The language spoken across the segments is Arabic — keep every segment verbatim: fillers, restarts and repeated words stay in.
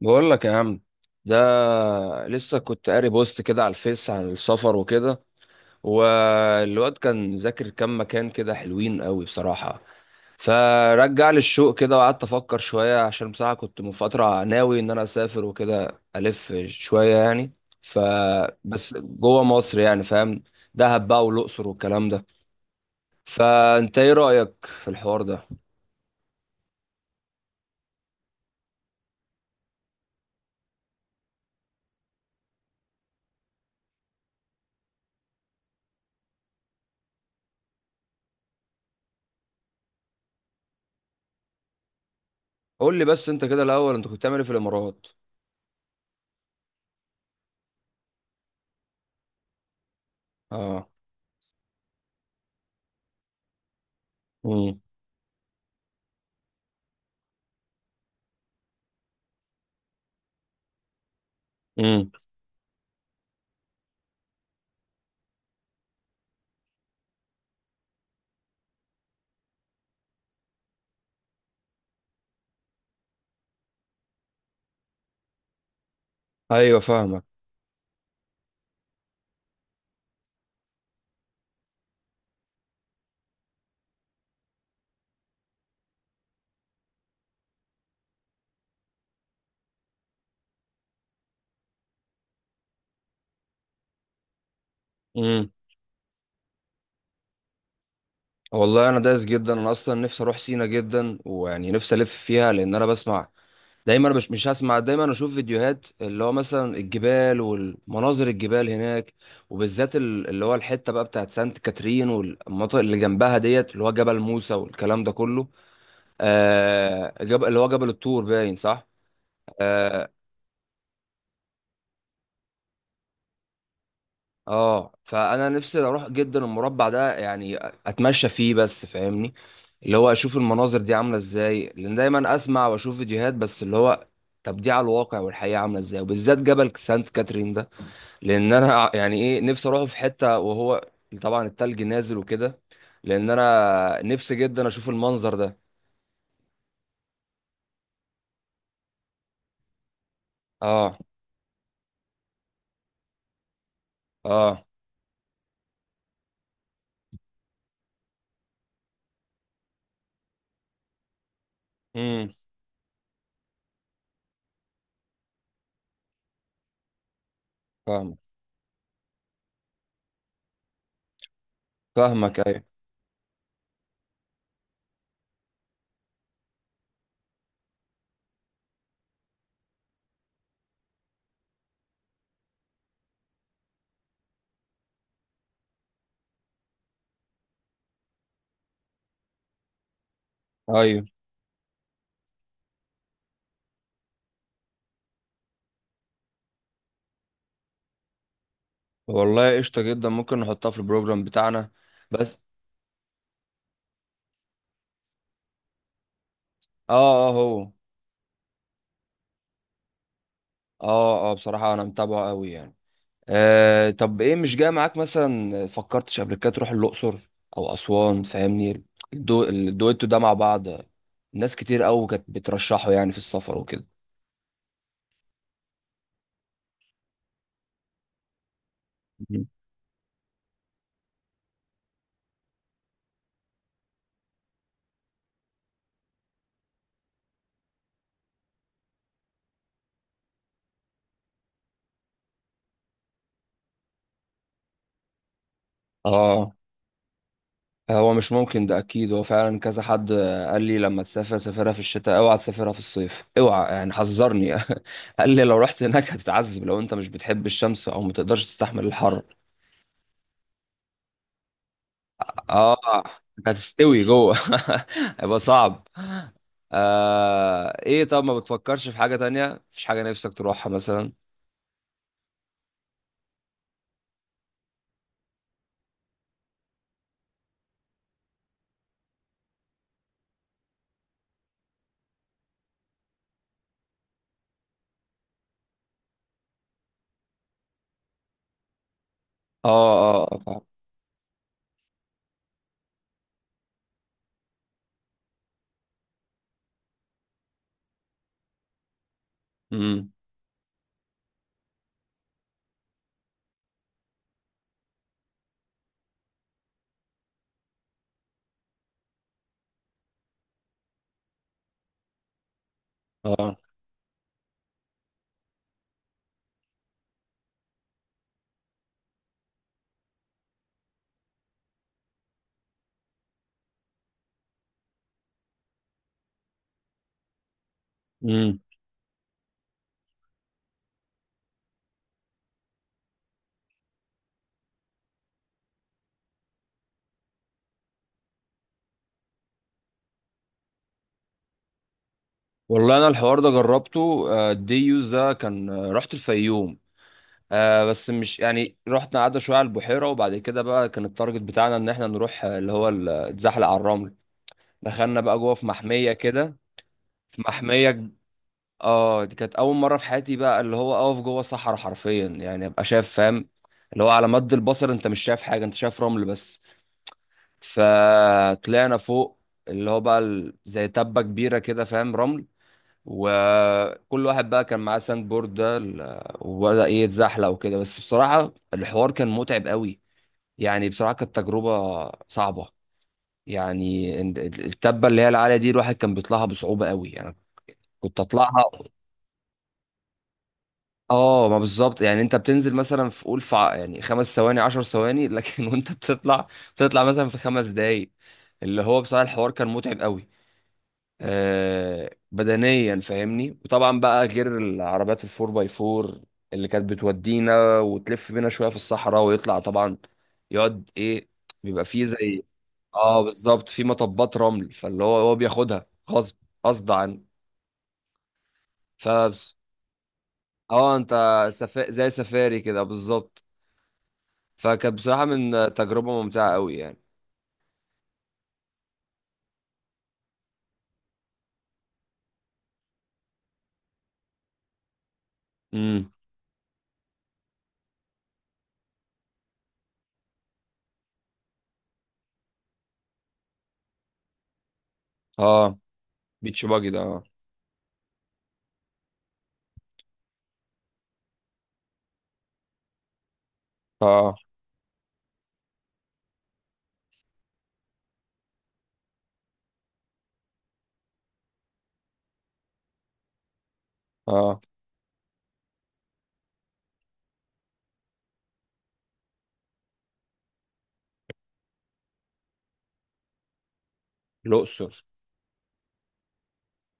بقول لك يا عم ده، لسه كنت قاري بوست كده على الفيس عن السفر وكده. والواد كان ذاكر كام مكان كده حلوين قوي بصراحة. فرجع لي الشوق كده، وقعدت افكر شوية عشان بصراحة كنت من فترة ناوي ان انا اسافر وكده الف شوية يعني. فبس جوه مصر يعني، فاهم؟ دهب بقى والاقصر والكلام ده. فانت ايه رأيك في الحوار ده؟ قول لي بس انت كده الاول، انت كنت بتعمل ايه في الامارات؟ اه. امم. امم. ايوه فاهمك. امم. والله انا دايس جدا، انا اصلا نفسي اروح سينا جدا، ويعني نفسي الف فيها لان انا بسمع دايما. مش مش هسمع دايما، اشوف فيديوهات اللي هو مثلا الجبال والمناظر الجبال هناك. وبالذات ال- اللي هو الحته بقى بتاعت سانت كاترين، والمناطق اللي جنبها ديت، اللي هو جبل موسى والكلام ده كله. آه جبل، اللي هو جبل الطور باين، صح؟ آه، اه فانا نفسي اروح جدا المربع ده يعني، اتمشى فيه بس فاهمني. اللي هو اشوف المناظر دي عامله ازاي، لان دايما اسمع واشوف فيديوهات، بس اللي هو طب دي على الواقع والحقيقه عامله ازاي، وبالذات جبل سانت كاترين ده. لان انا ع- يعني ايه نفسي اروحه في حته وهو طبعا التلج نازل وكده. لان انا نفسي جدا اشوف المنظر ده. اه اه. امم. فاهمك فاهمك، ايوه. ايوه، والله قشطه جدا، ممكن نحطها في البروجرام بتاعنا. بس. اه اه، هو. اه اه بصراحة انا متابعه قوي يعني. آه طب ايه، مش جاي معاك مثلا؟ فكرتش قبل كده تروح الاقصر او اسوان، فاهمني؟ الدو... الدويتو ده مع بعض. ناس كتير قوي كانت بترشحه يعني في السفر وكده. مم. اه، هو مش ممكن ده، اكيد هو فعلا كذا حد قال لي لما تسافر سافرها في الشتاء، اوعى تسافرها في الصيف، اوعى يعني حذرني. قال لي لو رحت هناك هتتعذب، لو انت مش بتحب الشمس او ما تقدرش تستحمل الحر. اه، انت هتستوي جوه. هيبقى صعب. آه ايه، طب ما بتفكرش في حاجة تانية؟ مفيش حاجة نفسك تروحها مثلا؟ اه اه اه. امم. اه. امم. والله انا الحوار ده جربته. آه الدي يوز ده كان، آه، رحت الفيوم. آه بس مش يعني، رحت قعدنا شوية على البحيرة، وبعد كده بقى كان التارجت بتاعنا ان احنا نروح، آه، اللي هو ال- آه، اتزحلق على الرمل. دخلنا بقى جوه في محمية كده، في محمية. اه دي كانت اول مره في حياتي بقى، اللي هو اقف جوه صحراء حرفيا يعني، ابقى شايف فاهم؟ اللي هو على مد البصر انت مش شايف حاجه، انت شايف رمل بس. فطلعنا فوق، اللي هو بقى ال- زي تبه كبيره كده فاهم، رمل. وكل واحد بقى كان معاه ساند بورد، ده ال- وبدا ايه يتزحلق وكده، بس بصراحه الحوار كان متعب قوي. يعني بصراحه كانت تجربه صعبه. يعني ال- ال- التبه اللي هي العاليه دي، الواحد كان بيطلعها بصعوبه قوي يعني، كنت اطلعها. اه، ما بالظبط يعني، انت بتنزل مثلا في، قول في ع- يعني خمس ثواني، عشر ثواني، لكن وانت بتطلع، بتطلع مثلا في خمس دقايق. اللي هو بصراحة الحوار كان متعب قوي. آه بدنيا فاهمني، وطبعا بقى غير العربيات الفور باي فور اللي كانت بتودينا وتلف بينا شوية في الصحراء، ويطلع طبعا، يقعد ايه، بيبقى فيه زي. اه بالظبط، في مطبات رمل، فاللي هو هو بياخدها غصب غصب عنه. فبس. اه انت سفا... زي سفاري كده بالظبط. فكانت بصراحة من تجربة ممتعة قوي يعني. امم. اه، بيتش باجي ده، اه. اه اه. الأقصر.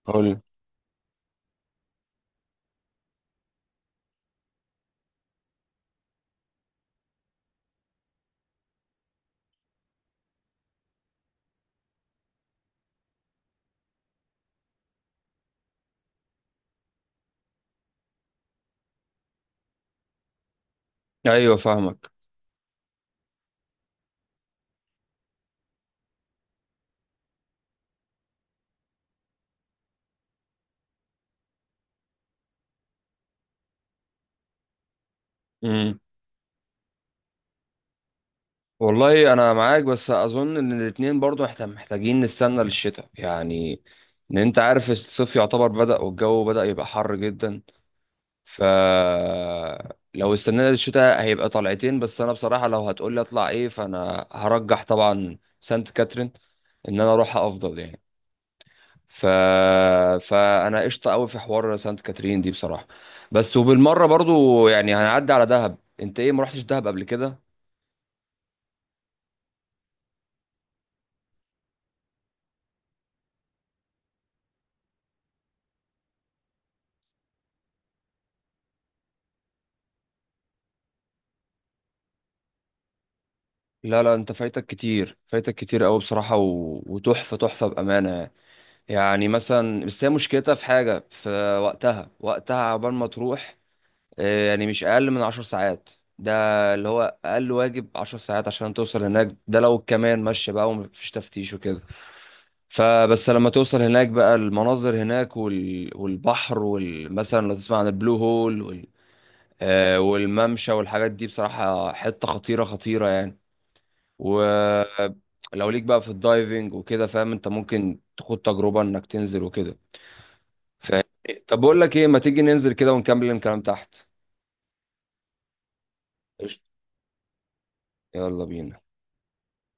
قول. ايوه فاهمك. امم. والله انا معاك، بس اظن ان الاتنين برضو احنا محتاجين نستنى للشتاء يعني، ان انت عارف الصيف يعتبر بدأ والجو بدأ يبقى حر جدا. ف لو استنينا للشتاء هيبقى طلعتين، بس انا بصراحة لو هتقولي اطلع ايه فانا هرجح طبعا سانت كاترين، ان انا اروحها افضل يعني. ف... فانا قشطه قوي في حوار سانت كاترين دي بصراحه. بس وبالمره برضو يعني هنعدي على دهب، انت ايه، ما رحتش دهب قبل كده؟ لا لا، انت فايتك كتير، فايتك كتير قوي بصراحه، و... وتحفه تحفه بامانه يعني. يعني مثلا بس هي مشكلتها في حاجه في وقتها، وقتها عبال ما تروح، آه، يعني مش اقل من عشر ساعات. ده، اللي هو اقل واجب عشر ساعات عشان توصل هناك، ده لو كمان ماشيه بقى ومفيش تفتيش وكده. فبس لما توصل هناك بقى، المناظر هناك وال... والبحر وال... مثلا لو تسمع عن البلو هول وال... آه والممشى والحاجات دي بصراحة حتة خطيرة خطيرة يعني. ولو ليك بقى في الدايفنج وكده فاهم، انت ممكن تاخد تجربة انك تنزل وكده، فاهم؟ طب بقول لك ايه، ما تيجي ننزل كده ونكمل الكلام تحت؟ قشطة. يلا بينا.